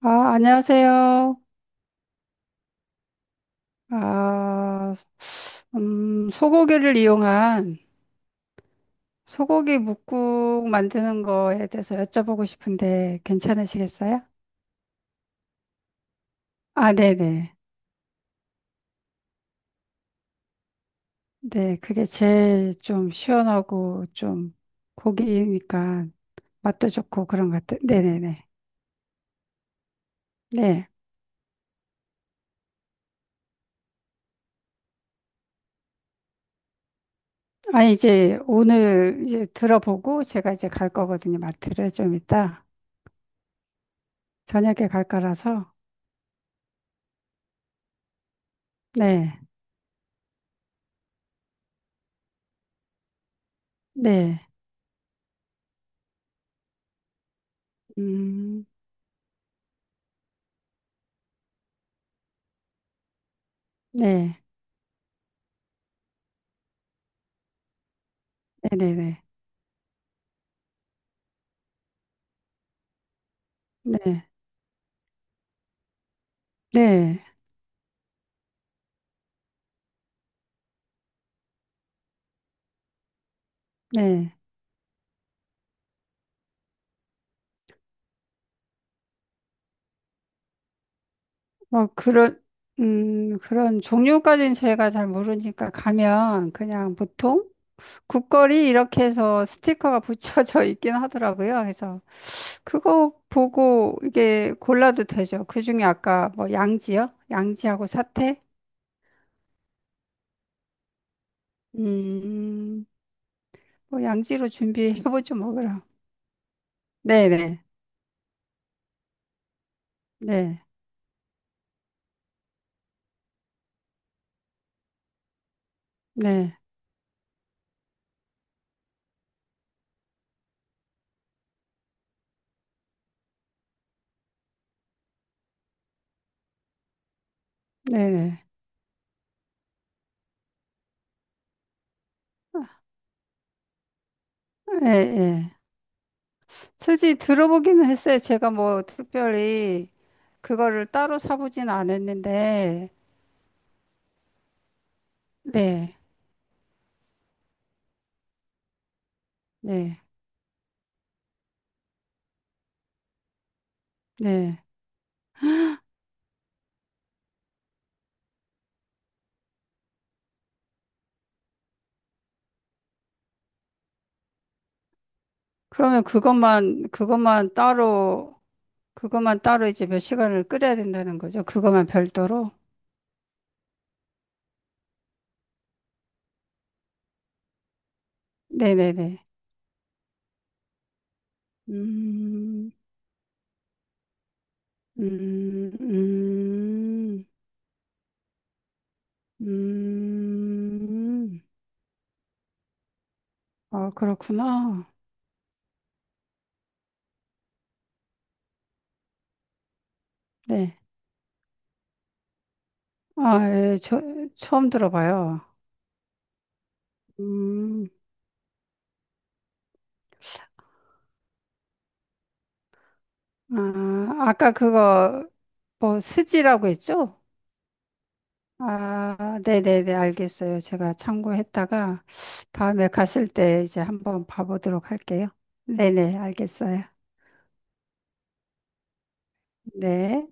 아, 안녕하세요. 아, 소고기를 이용한 소고기 뭇국 만드는 거에 대해서 여쭤보고 싶은데 괜찮으시겠어요? 아, 네네. 네, 그게 제일 좀 시원하고 좀 고기니까 맛도 좋고 그런 것 같아요. 네네네. 네. 아, 이제 오늘 이제 들어보고 제가 이제 갈 거거든요. 마트를 좀 이따 저녁에 갈 거라서. 네. 네. 음, 네. 네네네. 네, 네, 네. 뭐 그런 그런 종류까지는 저희가 잘 모르니까 가면 그냥 보통 국거리 이렇게 해서 스티커가 붙여져 있긴 하더라고요. 그래서 그거 보고 이게 골라도 되죠. 그중에 아까 뭐 양지요? 양지하고 사태? 음, 뭐 양지로 준비해보죠 뭐 그럼. 네, 네, 네, 네, 네, 네, 네, 네. 수지 들어보기는 했어요. 제가 뭐 특별히 그거를 따로 사보진 않았는데, 네, 네, 네. 그러면 그것만 따로 이제 몇 시간을 끓여야 된다는 거죠. 그것만 별도로. 네네네. 음, 음, 음, 음. 아, 그렇구나. 네. 아, 예, 저, 처음 들어봐요. 음. 아, 아까 그거 뭐 스지라고 했죠? 아, 네네네, 알겠어요. 제가 참고했다가 다음에 갔을 때 이제 한번 봐보도록 할게요. 네네, 알겠어요. 네.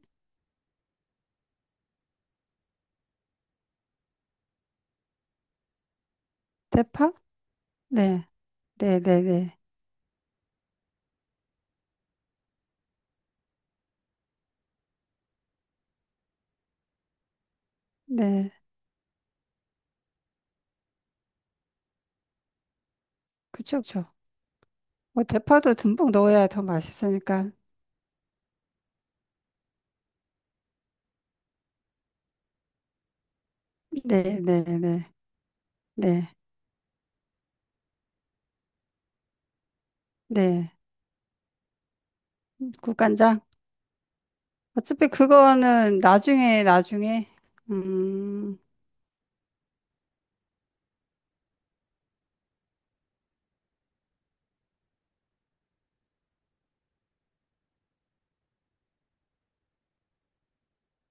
대파? 네. 네 네네. 네. 그쵸, 그쵸. 뭐 대파도 듬뿍 넣어야 더 맛있으니까. 네네네. 네. 네. 국간장? 어차피 그거는 나중에, 나중에. 음.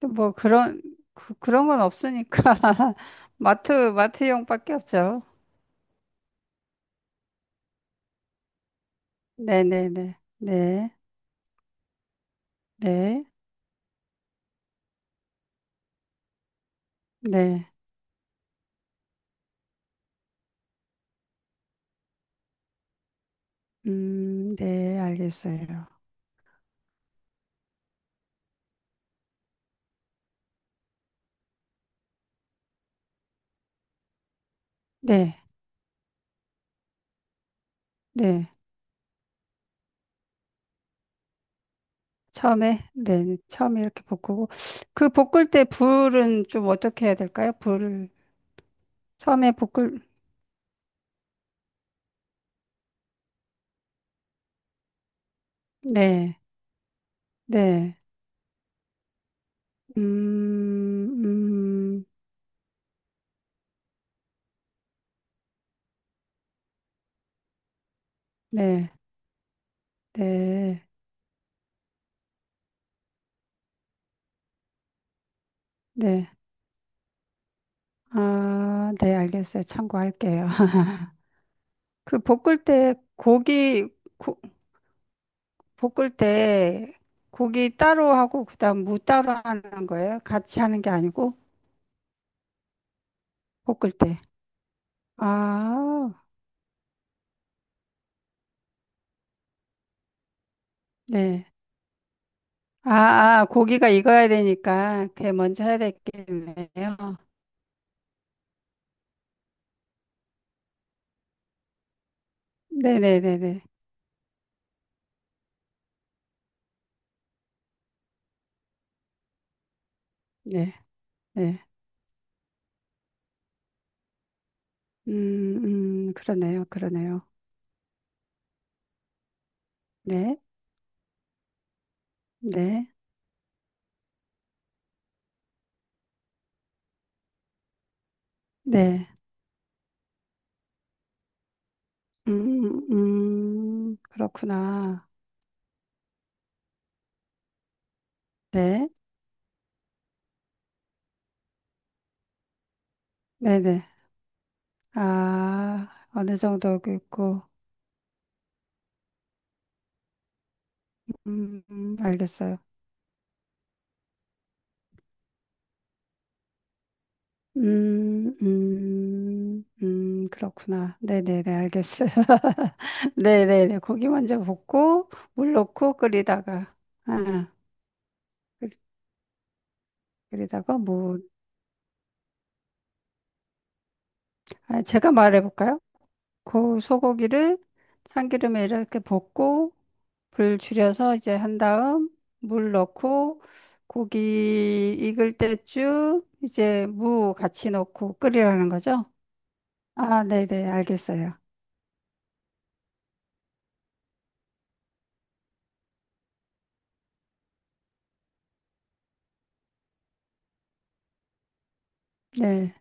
뭐 그런 그런 건 없으니까 마트용밖에 없죠. 네네네 네 네 네 네 알겠어요. 네네 처음에 네 처음에 이렇게 볶고 그 볶을 때 불은 좀 어떻게 해야 될까요? 불을 처음에 볶을 네네음음네네네아네 알겠어요. 참고할게요. 그 볶을 때 고기 고, 볶을 때 고기 따로 하고 그다음 무 따로 하는 거예요? 같이 하는 게 아니고 볶을 때. 아, 네. 아, 아, 고기가 익어야 되니까 그게 먼저 해야 되겠네요. 네네네네. 네, 네. 그러네요, 그러네요. 네, 네, 네. 그렇구나. 네, 네네. 아, 어느 정도 있고. 알겠어요. 그렇구나. 네네네, 알겠어요. 네네네, 고기 먼저 볶고, 물 넣고 끓이다가, 아, 끓- 끓이다가, 뭐, 아, 제가 말해볼까요? 고 소고기를 참기름에 이렇게 볶고, 불 줄여서 이제 한 다음, 물 넣고, 고기 익을 때쯤, 이제 무 같이 넣고 끓이라는 거죠? 아, 네 네, 알겠어요. 네.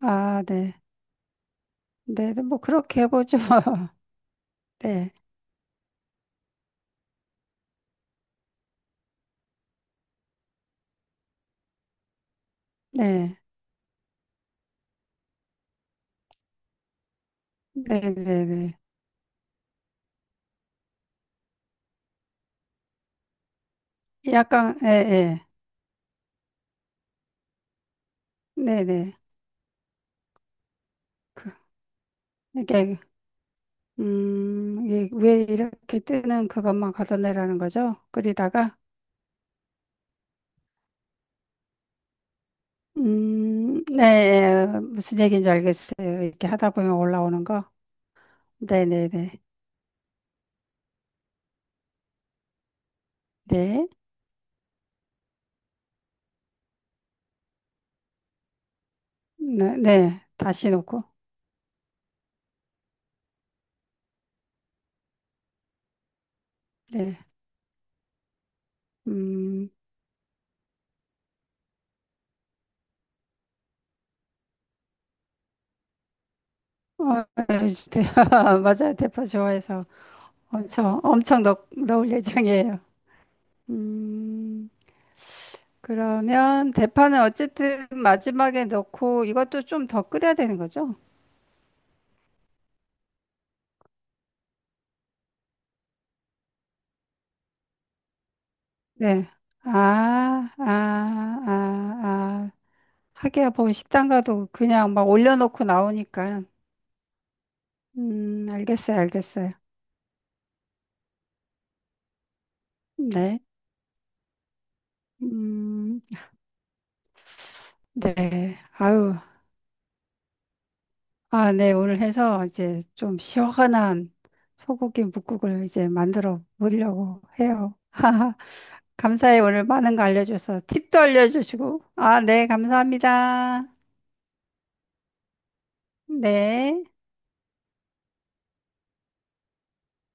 아, 네. 네, 네, 뭐, 그렇게 해보죠. 네, 네, 네, 네, 네. 약간, 예, 예. 네, 네. 그, 이게, 이게 위에 이렇게 뜨는 그것만 걷어내라는 거죠? 끓이다가? 네, 예. 무슨 얘기인지 알겠어요. 이렇게 하다 보면 올라오는 거. 네, 네, 네. 네, 네, 네. 다시 놓고. 네, 음, 어, 맞아요. 대파 좋아해서 엄청, 엄청 넣을 예정이에요. 음, 그러면 대파는 어쨌든 마지막에 넣고 이것도 좀 더 끓여야 되는 거죠? 네. 아, 아, 아, 아. 하기야 뭐 식당 가도 그냥 막 올려놓고 나오니까. 알겠어요, 알겠어요. 네. 음, 네. 아유, 아, 네. 오늘 해서 이제 좀 시원한 소고기 뭇국을 이제 만들어 보려고 해요. 감사해. 오늘 많은 거 알려줘서 팁도 알려주시고. 아, 네, 감사합니다. 네.